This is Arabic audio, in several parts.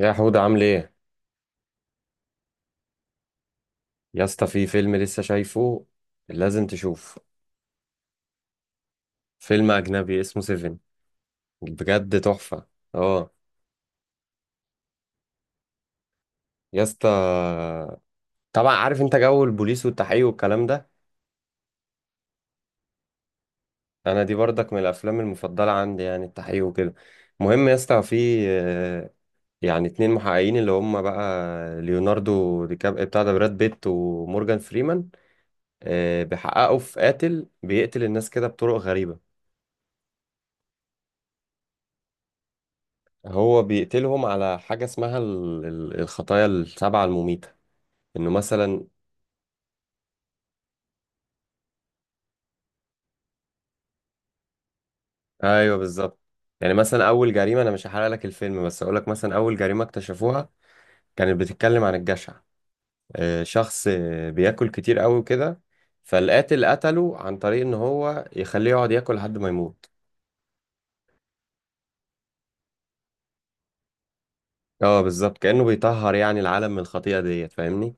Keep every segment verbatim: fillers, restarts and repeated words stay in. يا حود عامل ايه؟ يا اسطى في فيلم لسه شايفه، لازم تشوف. فيلم اجنبي اسمه سيفن، بجد تحفة. اه. يا اسطى طبعا عارف انت جو البوليس والتحقيق والكلام ده. انا دي برضك من الافلام المفضلة عندي، يعني التحقيق وكده. المهم يا اسطى في آه، يعني اتنين محققين اللي هم بقى ليوناردو دي كاب بتاع ده براد بيت ومورجان فريمان، آه، بيحققوا في قاتل بيقتل الناس كده بطرق غريبة. هو بيقتلهم على حاجة اسمها ال- ال- الخطايا السبعة المميتة، انه مثلا. ايوه بالظبط. يعني مثلا اول جريمة، انا مش هحرق لك الفيلم بس اقول لك مثلا اول جريمة اكتشفوها كانت بتتكلم عن الجشع. آه، شخص آه، بياكل كتير قوي وكده، فالقاتل قتله عن طريق ان هو يخليه يقعد ياكل لحد ما يموت. اه بالظبط، كأنه بيطهر يعني العالم من الخطيئة ديت، فاهمني؟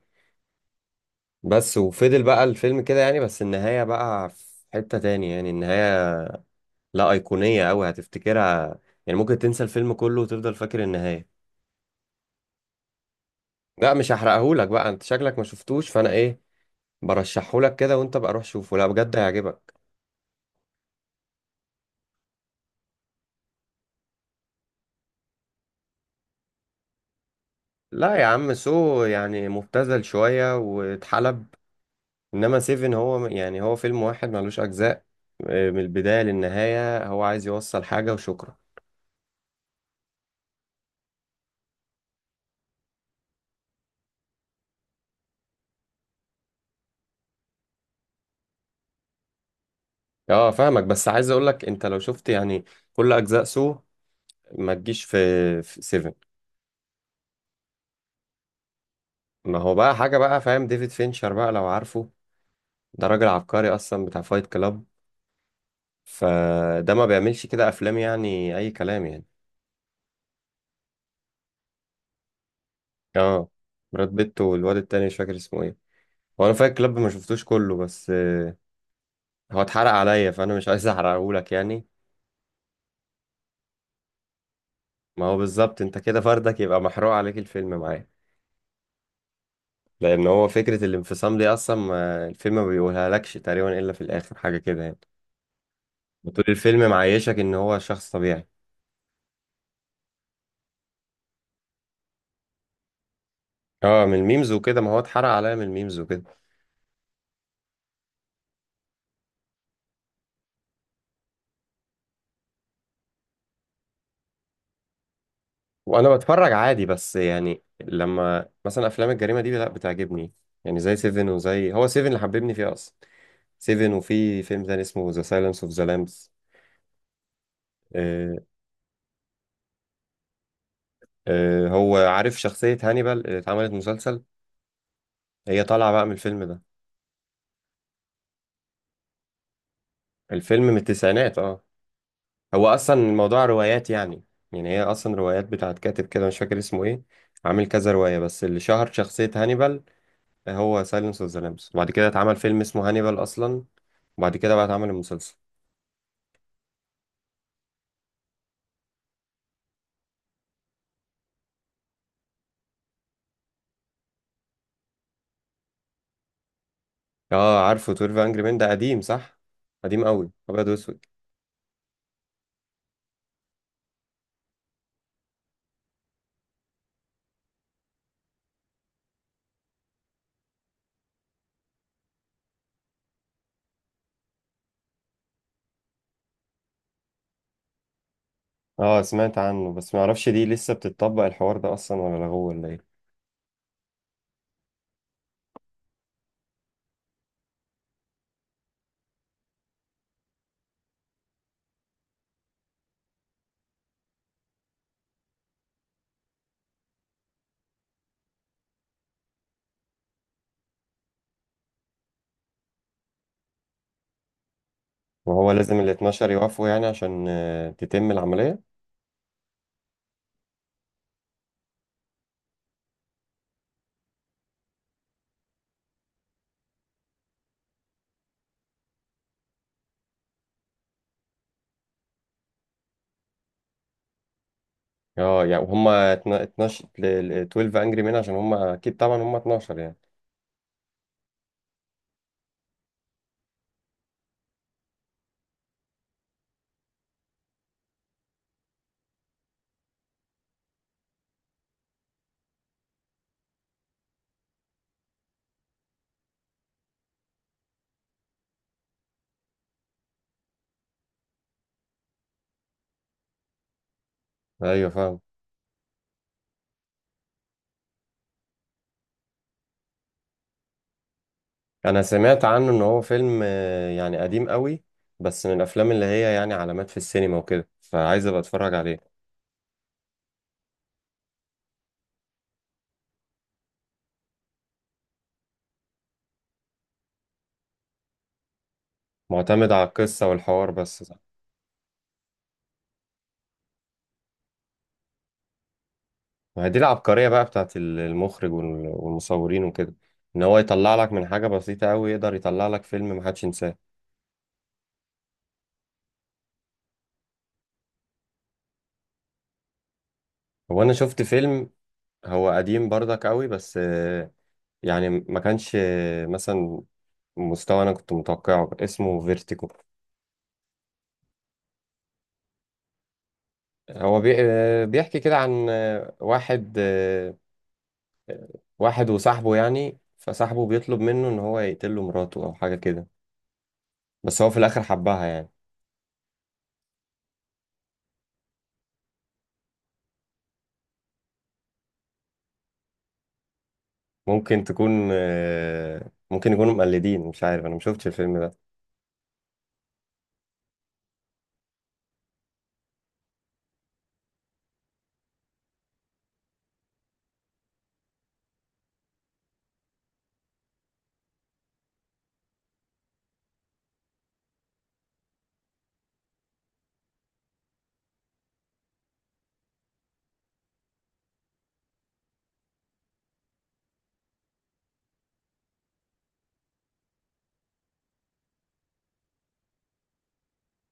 بس، وفضل بقى الفيلم كده يعني، بس النهاية بقى في حتة تاني. يعني النهاية لا، أيقونية أوي هتفتكرها. يعني ممكن تنسى الفيلم كله وتفضل فاكر النهاية. لا مش هحرقهولك بقى، انت شكلك ما شفتوش، فانا ايه، برشحهولك كده وانت بقى روح شوفه، لا بجد هيعجبك. لا يا عم سو يعني مبتذل شوية واتحلب، انما سيفن هو م- يعني هو فيلم واحد ملوش اجزاء، آه، من البداية للنهاية هو عايز يوصل حاجة وشكرا. اه فاهمك، بس عايز اقولك انت لو شفت يعني كل اجزاء سو ما تجيش في في سيفن. ما هو بقى حاجة بقى، فاهم ديفيد فينشر بقى لو عارفه؟ ده راجل عبقري اصلا، بتاع فايت كلاب، فده ما بيعملش كده افلام يعني اي كلام يعني. اه. براد بيت والواد التاني مش فاكر اسمه ايه. هو انا فايت كلاب ما شفتوش كله، بس آه، هو اتحرق عليا فانا مش عايز احرقهولك يعني. ما هو بالظبط، انت كده فردك يبقى محروق عليك الفيلم معاه. لان هو فكرة الانفصام دي اصلا ما الفيلم ما بيقولها لكش تقريبا الا في الاخر، حاجة كده يعني. وطول الفيلم معيشك ان هو شخص طبيعي. اه من الميمز وكده، ما هو اتحرق عليا من الميمز وكده. وانا بتفرج عادي، بس يعني لما مثلا افلام الجريمه دي لا بتعجبني. يعني زي سيفن، وزي هو سيفن اللي حببني فيه اصلا، سيفن، وفي فيلم تاني اسمه ذا سايلنس اوف ذا لامبس. هو عارف شخصيه هانيبال اللي اتعملت مسلسل؟ هي طالعه بقى من الفيلم ده. الفيلم من التسعينات اه. هو اصلا الموضوع روايات يعني، يعني هي اصلا روايات بتاعت كاتب كده مش فاكر اسمه ايه، عامل كذا روايه، بس اللي شهر شخصيه هانيبال هو سايلنس اوف ذا لامبس، وبعد كده اتعمل فيلم اسمه هانيبال اصلا، وبعد كده بقى اتعمل المسلسل. اه عارفه، تويلف انجري مان ده قديم صح، قديم قوي ابيض واسود. اه سمعت عنه، بس ما اعرفش دي لسه بتطبق الحوار ده اصلا ولا لغوه ولا ايه. وهو لازم ال اتناشر يوافقوا يعني عشان آه، تتم العملية. اه يعني، وهم اتناشر ل- ل- اتناشر انجري مان، عشان هم اكيد طبعا هم اتناشر يعني. ايوه فاهم. انا سمعت عنه ان هو فيلم آه، يعني قديم قوي، بس من الافلام اللي هي يعني علامات في السينما وكده، فعايز ابقى اتفرج عليه. معتمد على القصة والحوار بس. ما هي دي العبقرية بقى بتاعت ال- المخرج وال- والمصورين وكده، ان هو يطلع لك من حاجة بسيطة قوي يقدر يطلع لك فيلم محدش ينساه. هو انا شفت فيلم، هو قديم برضك قوي بس آه، يعني ما كانش آه، مثلا مستوى انا كنت متوقعه، اسمه فيرتيكو. هو بي... آه، بيحكي كده عن آه، واحد، آه، واحد وصاحبه يعني، فصاحبه بيطلب منه ان هو يقتله مراته او حاجة كده، بس هو في الاخر حبها يعني. ممكن تكون آه، ممكن يكونوا مقلدين، مش عارف انا ما شفتش الفيلم ده.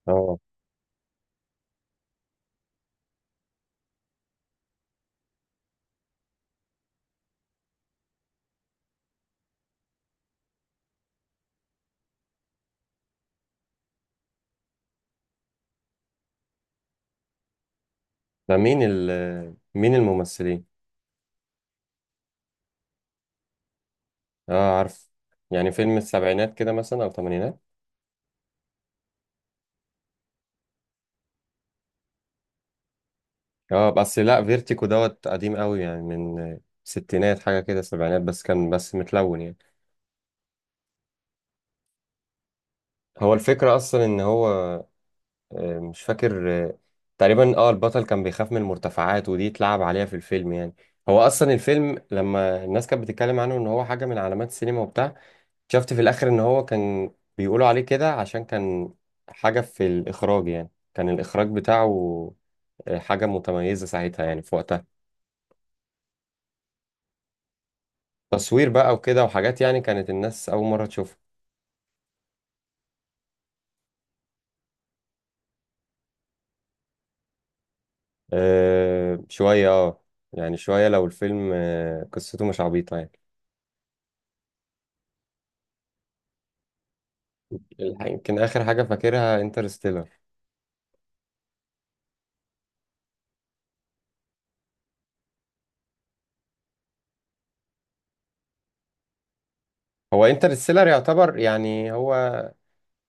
اه. ده مين ال مين الممثلين؟ اه عارف. يعني فيلم السبعينات كده مثلا او الثمانينات. اه بس لا فيرتيكو دوت قديم قوي، يعني من آه، ستينات حاجه كده، سبعينات، بس كان بس متلون يعني. هو الفكره اصلا ان هو آه، مش فاكر آه، تقريبا اه، البطل كان بيخاف من المرتفعات، ودي اتلعب عليها في الفيلم يعني. هو اصلا الفيلم لما الناس كانت بتتكلم عنه ان هو حاجه من علامات السينما وبتاع، شفت في الاخر ان هو كان بيقولوا عليه كده عشان كان حاجة في الاخراج، يعني كان الاخراج بتاعه آه، حاجة متميزة ساعتها يعني في وقتها. تصوير بقى وكده وحاجات يعني كانت الناس اول مرة تشوفها. أه شوية اه، يعني شوية لو الفيلم آه، قصته مش عبيطة يعني. الح- يمكن اخر حاجة فاكرها انترستيلر. هو انترستيلر يعتبر يعني هو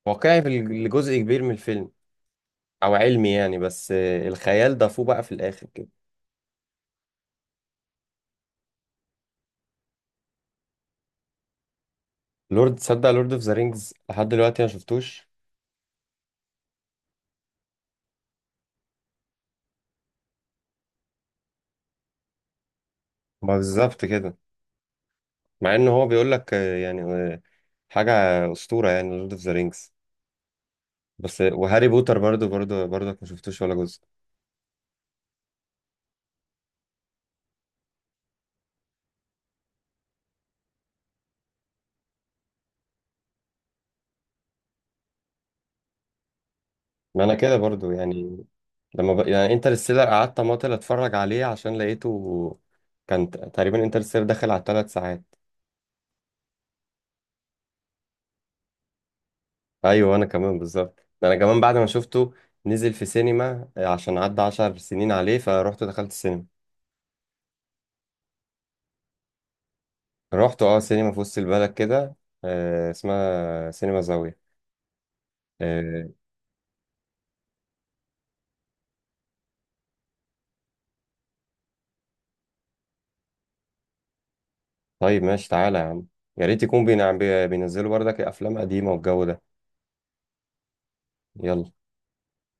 واقعي في الجزء كبير من الفيلم، او علمي يعني، بس آه، الخيال ضافوه بقى في الاخر كده. لورد، تصدق لورد اوف ذا رينجز لحد دلوقتي ما شفتوش. ما بالظبط كده، مع ان هو بيقول لك آه، يعني آه، حاجه اسطوره يعني لورد اوف ذا رينجز، بس آه، وهاري بوتر برضو برضو برضك ما شفتوش ولا جزء. ما انا كده برضو يعني، لما ب... يعني انترستيلر قعدت اماطل اتفرج عليه عشان لقيته كان ت- تقريبا انترستيلر داخل على ثلاث ساعات. ايوه انا كمان بالظبط، ده انا كمان بعد ما شفته نزل في سينما، آه، عشان عدى عشر سنين عليه فروحت دخلت السينما. رحت اه سينما في وسط البلد كده، آه اسمها سينما زاوية. آه طيب ماشي تعالى يا عم، يا ريت يكون بينع- بي- بينزلوا بردك افلام قديمة والجو ده. يلا.